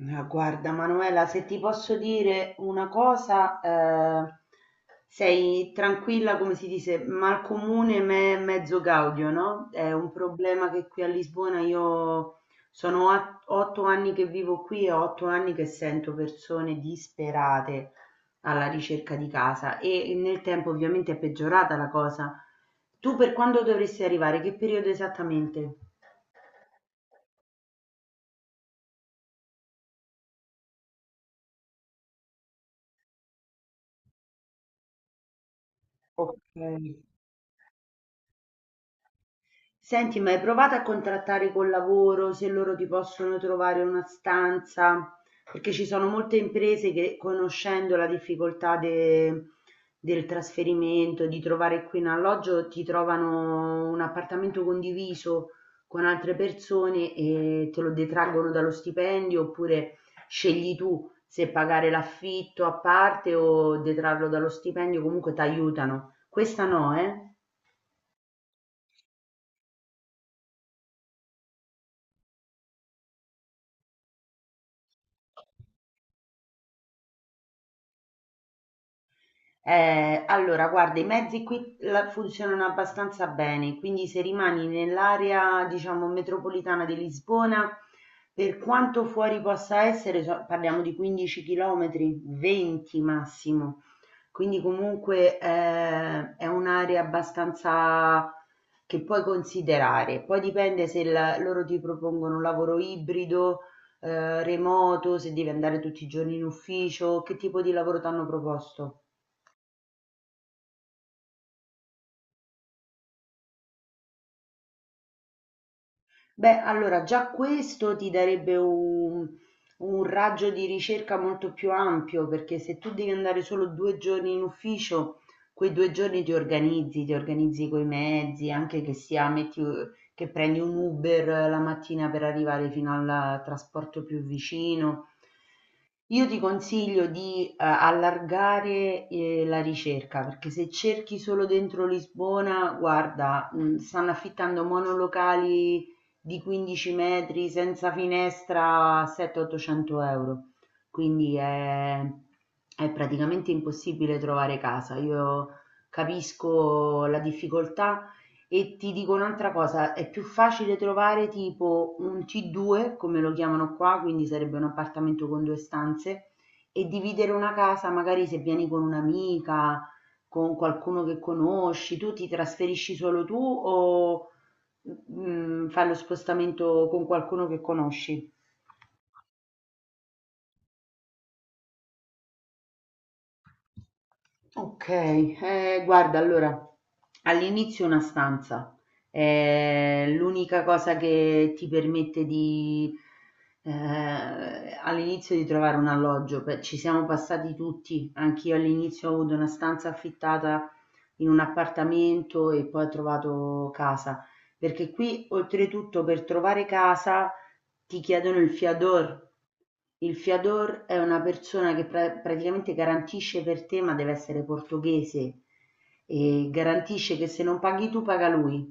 Ma guarda Manuela, se ti posso dire una cosa, sei tranquilla, come si dice, mal comune me mezzo gaudio, no? È un problema che qui a Lisbona io 8 anni che vivo qui e 8 anni che sento persone disperate alla ricerca di casa e nel tempo ovviamente è peggiorata la cosa. Tu per quando dovresti arrivare? Che periodo esattamente? Ok. Senti, ma hai provato a contrattare col lavoro se loro ti possono trovare una stanza? Perché ci sono molte imprese che, conoscendo la difficoltà del trasferimento, di trovare qui un alloggio, ti trovano un appartamento condiviso con altre persone e te lo detraggono dallo stipendio, oppure scegli tu se pagare l'affitto a parte o detrarlo dallo stipendio, comunque ti aiutano. Questa no, eh? Allora, guarda, i mezzi qui funzionano abbastanza bene, quindi se rimani nell'area, diciamo, metropolitana di Lisbona, per quanto fuori possa essere, parliamo di 15 km, 20 massimo, quindi comunque è un'area abbastanza che puoi considerare. Poi dipende se loro ti propongono un lavoro ibrido, remoto, se devi andare tutti i giorni in ufficio, che tipo di lavoro ti hanno proposto. Beh, allora già questo ti darebbe un raggio di ricerca molto più ampio, perché se tu devi andare solo due giorni in ufficio, quei due giorni ti organizzi coi mezzi, anche che sia metti, che prendi un Uber la mattina per arrivare fino al trasporto più vicino. Io ti consiglio di allargare la ricerca perché se cerchi solo dentro Lisbona, guarda, stanno affittando monolocali di 15 metri senza finestra a 700-800 euro, quindi è, è praticamente impossibile trovare casa. Io capisco la difficoltà e ti dico un'altra cosa, è più facile trovare tipo un T2, come lo chiamano qua, quindi sarebbe un appartamento con due stanze, e dividere una casa, magari se vieni con un'amica, con qualcuno che conosci, tu ti trasferisci solo tu o Mhmm, fai lo spostamento con qualcuno che conosci. Okay, guarda allora, all'inizio una stanza è l'unica cosa che ti permette di all'inizio di trovare un alloggio, pe ci siamo passati tutti, anch'io all'inizio ho avuto una stanza affittata in un appartamento e poi ho trovato casa, perché qui oltretutto per trovare casa ti chiedono il fiador. Il fiador è una persona che praticamente garantisce per te, ma deve essere portoghese, e garantisce che se non paghi tu paga lui.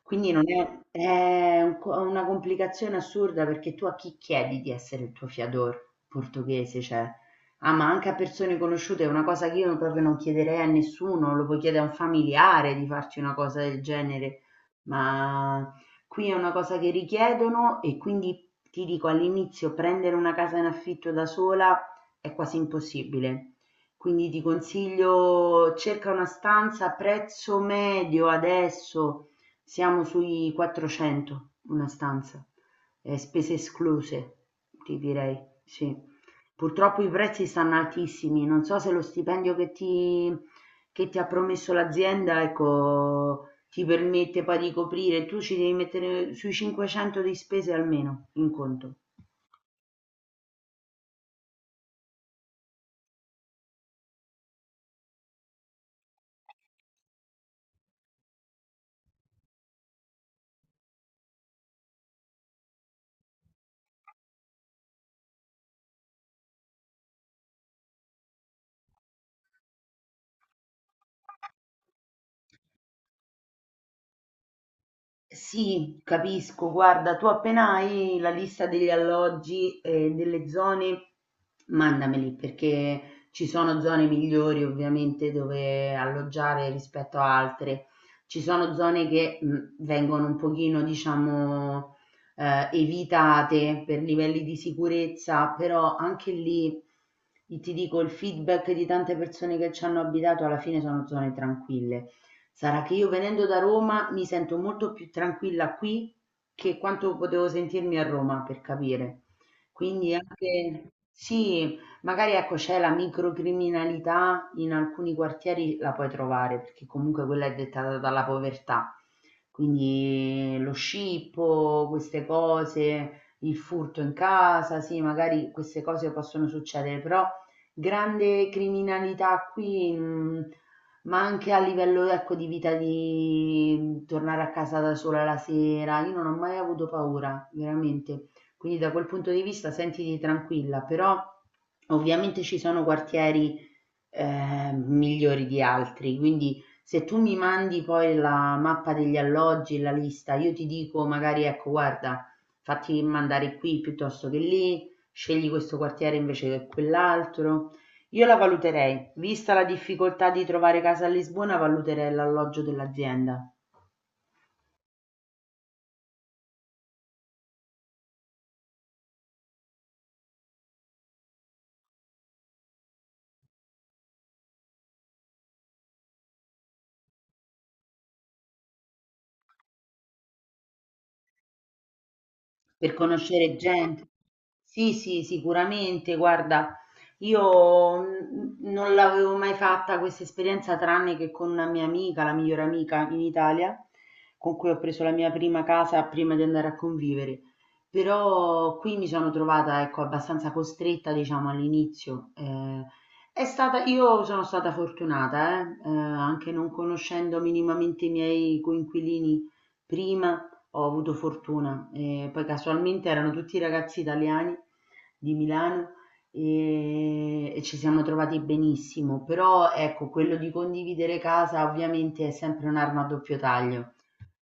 Quindi non è, è una complicazione assurda perché tu a chi chiedi di essere il tuo fiador portoghese? Cioè, ah, ma anche a persone conosciute è una cosa che io proprio non chiederei a nessuno, lo puoi chiedere a un familiare di farci una cosa del genere, ma qui è una cosa che richiedono e quindi ti dico all'inizio prendere una casa in affitto da sola è quasi impossibile. Quindi ti consiglio, cerca una stanza a prezzo medio adesso siamo sui 400 una stanza, spese escluse, ti direi, sì. Purtroppo i prezzi stanno altissimi, non so se lo stipendio che ti ha promesso l'azienda, ecco, ti permette poi di coprire, tu ci devi mettere sui 500 di spese almeno in conto. Sì, capisco. Guarda, tu appena hai la lista degli alloggi e delle zone, mandameli perché ci sono zone migliori ovviamente dove alloggiare rispetto a altre. Ci sono zone che vengono un pochino, diciamo, evitate per livelli di sicurezza, però anche lì ti dico il feedback di tante persone che ci hanno abitato alla fine sono zone tranquille. Sarà che io venendo da Roma mi sento molto più tranquilla qui che quanto potevo sentirmi a Roma, per capire. Quindi anche sì, magari ecco c'è la microcriminalità in alcuni quartieri la puoi trovare, perché comunque quella è dettata dalla povertà. Quindi lo scippo, queste cose, il furto in casa, sì, magari queste cose possono succedere, però grande criminalità qui ma anche a livello, ecco, di vita, di tornare a casa da sola la sera, io non ho mai avuto paura, veramente. Quindi da quel punto di vista sentiti tranquilla, però ovviamente ci sono quartieri migliori di altri, quindi se tu mi mandi poi la mappa degli alloggi, la lista, io ti dico magari ecco, guarda, fatti mandare qui piuttosto che lì, scegli questo quartiere invece che quell'altro. Io la valuterei, vista la difficoltà di trovare casa a Lisbona valuterei l'alloggio dell'azienda. Per conoscere gente. Sì, sì, sicuramente. Guarda, io non l'avevo mai fatta questa esperienza tranne che con una mia amica, la migliore amica in Italia, con cui ho preso la mia prima casa prima di andare a convivere. Però qui mi sono trovata, ecco, abbastanza costretta, diciamo, all'inizio. Io sono stata fortunata, anche non conoscendo minimamente i miei coinquilini prima ho avuto fortuna. E poi casualmente erano tutti ragazzi italiani di Milano e ci siamo trovati benissimo. Però ecco, quello di condividere casa ovviamente è sempre un'arma a doppio taglio.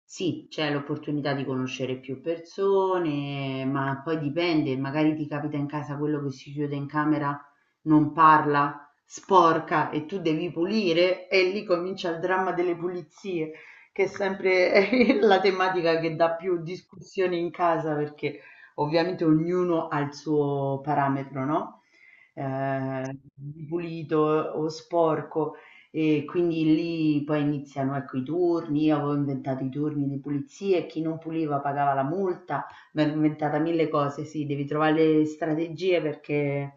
Sì, c'è l'opportunità di conoscere più persone, ma poi dipende, magari ti capita in casa quello che si chiude in camera, non parla, sporca e tu devi pulire e lì comincia il dramma delle pulizie, che è sempre la tematica che dà più discussioni in casa perché ovviamente ognuno ha il suo parametro, no? Di pulito o sporco. E quindi lì poi iniziano, ecco, i turni, io avevo inventato i turni di pulizia e chi non puliva pagava la multa, mi ero inventata mille cose, sì, devi trovare le strategie perché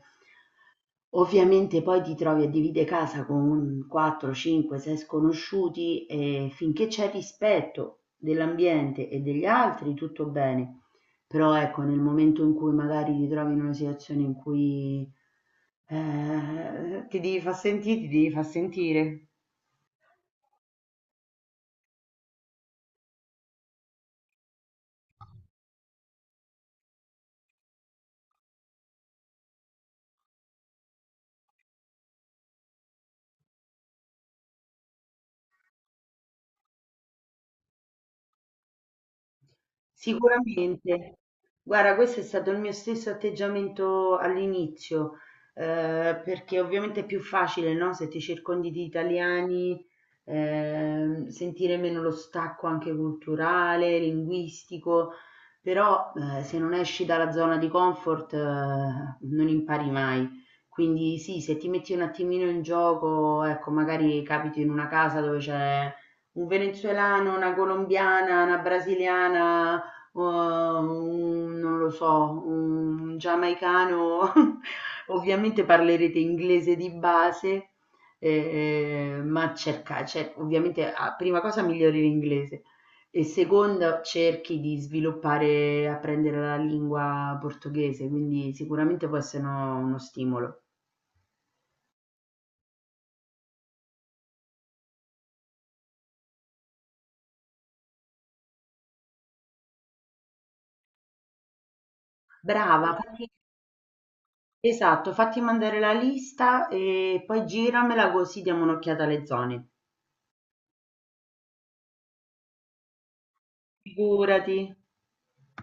ovviamente poi ti trovi a dividere casa con 4, 5, 6 sconosciuti e finché c'è rispetto dell'ambiente e degli altri tutto bene, però ecco, nel momento in cui magari ti trovi in una situazione in cui ti devi far sentire. Sicuramente. Guarda, questo è stato il mio stesso atteggiamento all'inizio, perché ovviamente è più facile, no? Se ti circondi di italiani, sentire meno lo stacco anche culturale, linguistico, però se non esci dalla zona di comfort, non impari mai. Quindi sì, se ti metti un attimino in gioco, ecco, magari capiti in una casa dove c'è un venezuelano, una colombiana, una brasiliana non lo so, un giamaicano, ovviamente parlerete inglese di base, ma cerca cioè ovviamente a prima cosa migliori l'inglese e seconda cerchi di sviluppare, apprendere la lingua portoghese, quindi sicuramente può essere uno stimolo. Brava, fatti esatto, fatti mandare la lista e poi giramela così diamo un'occhiata alle zone. Figurati.